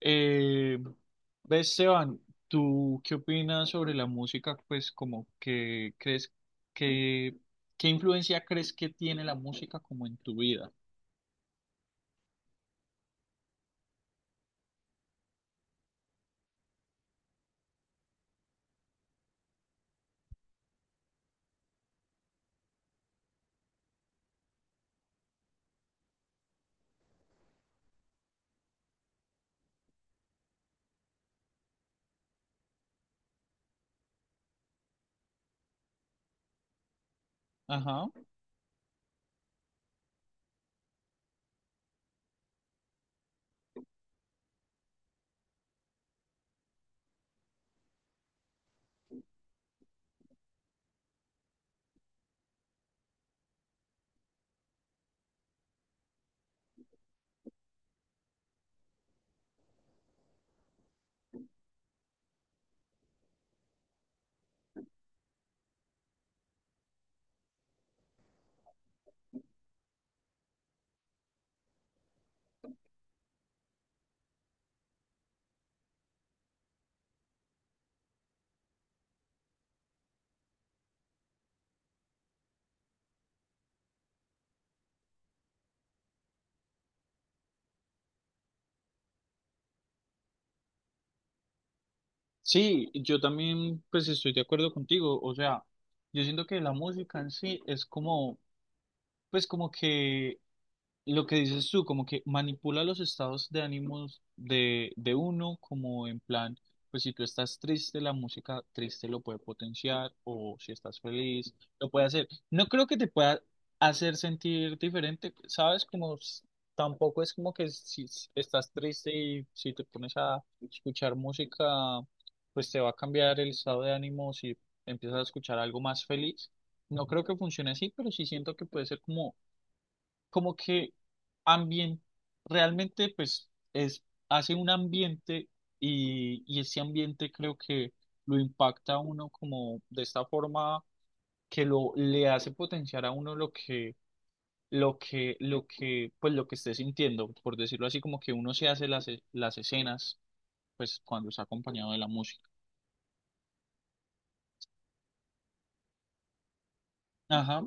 Eh, ves, Esteban, ¿tú qué opinas sobre la música? Pues como que crees que, ¿qué influencia crees que tiene la música como en tu vida? Ajá. Sí, yo también pues estoy de acuerdo contigo. O sea, yo siento que la música en sí es como, pues como que lo que dices tú, como que manipula los estados de ánimos de uno, como en plan, pues si tú estás triste, la música triste lo puede potenciar, o si estás feliz, lo puede hacer. No creo que te pueda hacer sentir diferente, ¿sabes? Tampoco es como que si s- estás triste y si te pones a escuchar música, pues te va a cambiar el estado de ánimo si empiezas a escuchar algo más feliz. No creo que funcione así, pero sí siento que puede ser como como que ambiente. Realmente pues es, hace un ambiente y ese ambiente creo que lo impacta a uno como de esta forma que lo le hace potenciar a uno lo que lo que esté sintiendo, por decirlo así, como que uno se hace las escenas pues cuando está acompañado de la música. Ajá.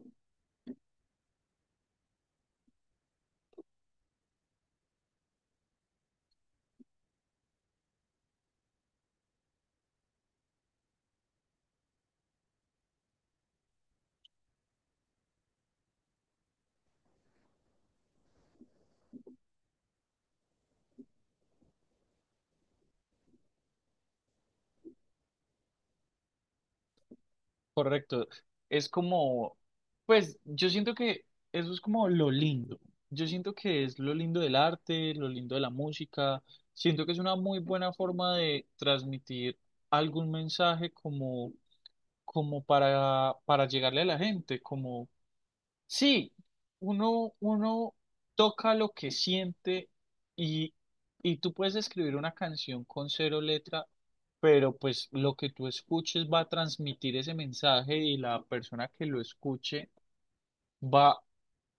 Correcto. Es como, pues yo siento que eso es como lo lindo. Yo siento que es lo lindo del arte, lo lindo de la música. Siento que es una muy buena forma de transmitir algún mensaje como, como para llegarle a la gente, como sí, uno toca lo que siente y, y tú puedes escribir una canción con cero letra, pero pues lo que tú escuches va a transmitir ese mensaje y la persona que lo escuche va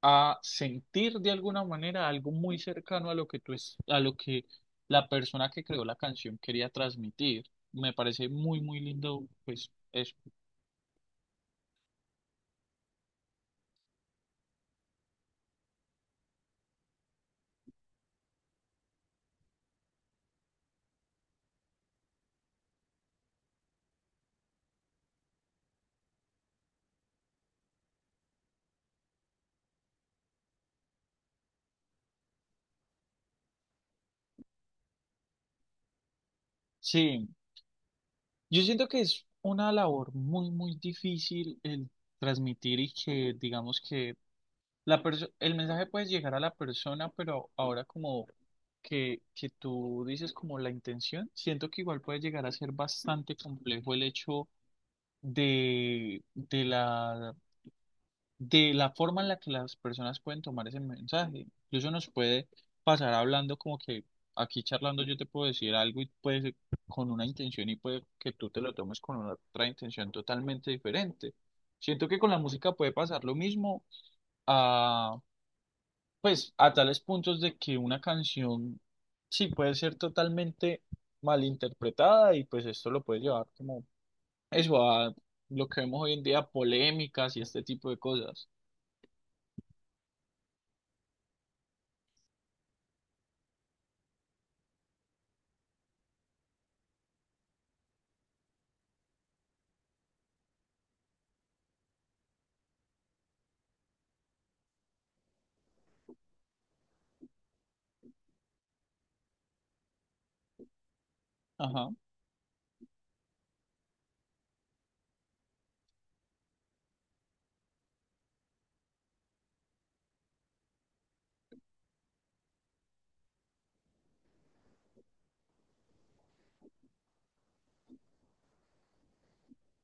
a sentir de alguna manera algo muy cercano a lo que tú es, a lo que la persona que creó la canción quería transmitir. Me parece muy, muy lindo, pues eso. Sí. Yo siento que es una labor muy, muy difícil el transmitir y que digamos que el mensaje puede llegar a la persona, pero ahora como que tú dices como la intención, siento que igual puede llegar a ser bastante complejo el hecho de, de la de la forma en la que las personas pueden tomar ese mensaje. Incluso nos puede pasar hablando como que aquí charlando yo te puedo decir algo y puede ser con una intención y puede que tú te lo tomes con una otra intención totalmente diferente. Siento que con la música puede pasar lo mismo a, pues, a tales puntos de que una canción sí puede ser totalmente malinterpretada y pues esto lo puede llevar como eso a lo que vemos hoy en día, polémicas y este tipo de cosas. Ajá,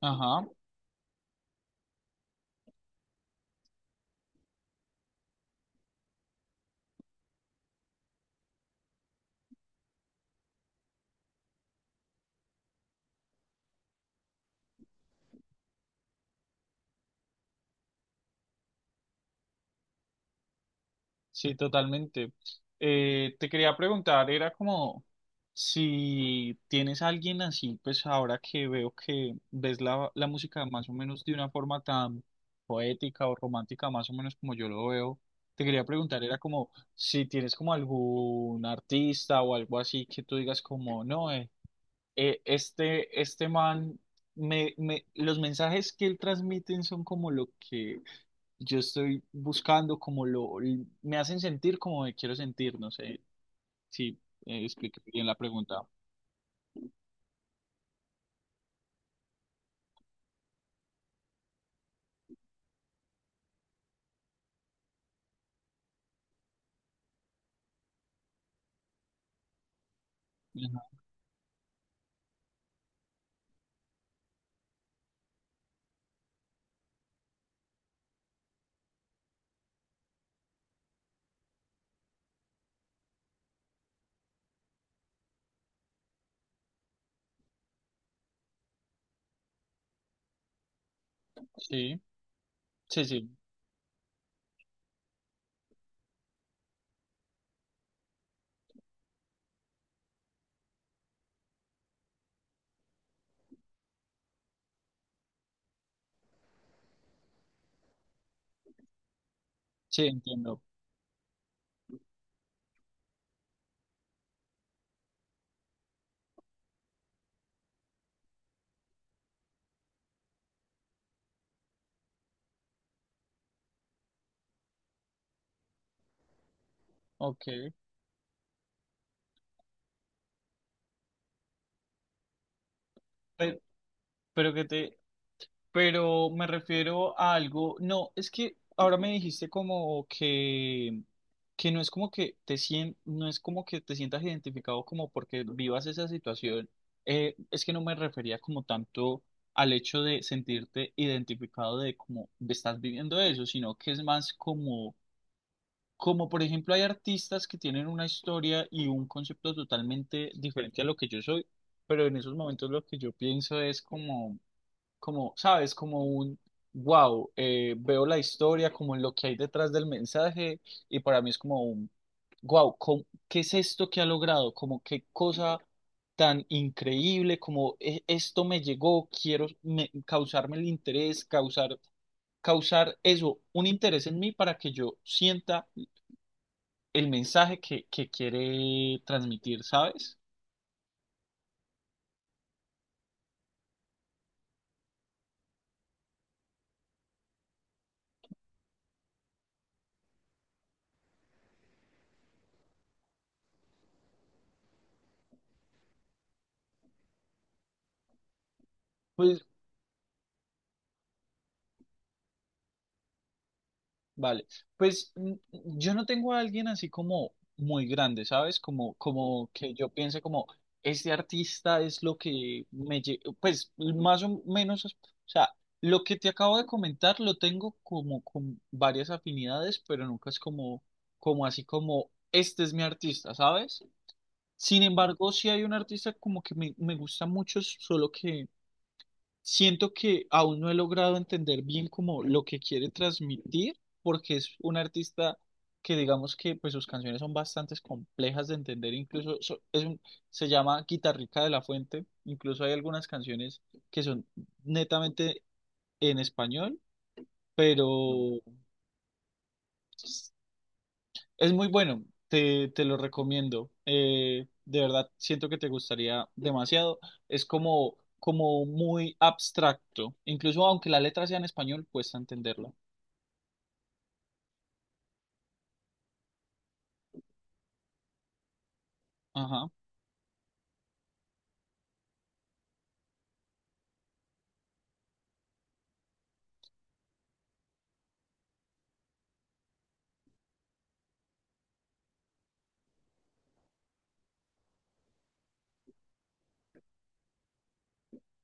ajá, sí, totalmente. Te quería preguntar, era como si tienes a alguien así, pues ahora que veo que ves la música más o menos de una forma tan poética o romántica, más o menos como yo lo veo, te quería preguntar, era como si tienes como algún artista o algo así que tú digas como, no, este man, los mensajes que él transmiten son como lo que yo estoy buscando, como lo, me hacen sentir como me quiero sentir, no sé si expliqué bien la pregunta. Ujú. Sí, sí, sí, sí, entiendo. Ok. pe- pero, que te, pero me refiero a algo, no, es que ahora me dijiste como que no es como que no es como que te sientas identificado como porque vivas esa situación, es que no me refería como tanto al hecho de sentirte identificado de cómo estás viviendo eso, sino que es más como, como por ejemplo hay artistas que tienen una historia y un concepto totalmente diferente a lo que yo soy, pero en esos momentos lo que yo pienso es como, como, sabes, como un, wow, veo la historia, como lo que hay detrás del mensaje y para mí es como un, wow, ¿qué es esto que ha logrado? Como qué cosa tan increíble, como esto me llegó, quiero causarme el interés, causar, causar eso, un interés en mí para que yo sienta el mensaje que quiere transmitir", ¿sabes? Pues vale, pues yo no tengo a alguien así como muy grande, ¿sabes? Como, como que yo piense como, este artista es lo que me... Pues más o menos, o sea, lo que te acabo de comentar lo tengo como con varias afinidades, pero nunca es como, como así como, este es mi artista, ¿sabes? Sin embargo, sí hay un artista como que me gusta mucho, solo que siento que aún no he logrado entender bien como lo que quiere transmitir, porque es un artista que digamos que pues sus canciones son bastante complejas de entender, incluso se llama Guitarrica de la Fuente, incluso hay algunas canciones que son netamente en español, pero es muy bueno, te lo recomiendo. De verdad, siento que te gustaría demasiado. Es como, como muy abstracto. Incluso aunque la letra sea en español, cuesta entenderla. Ajá.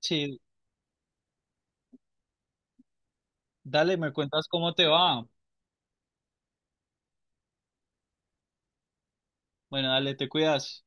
Sí, dale, me cuentas cómo te va. Bueno, dale, te cuidas.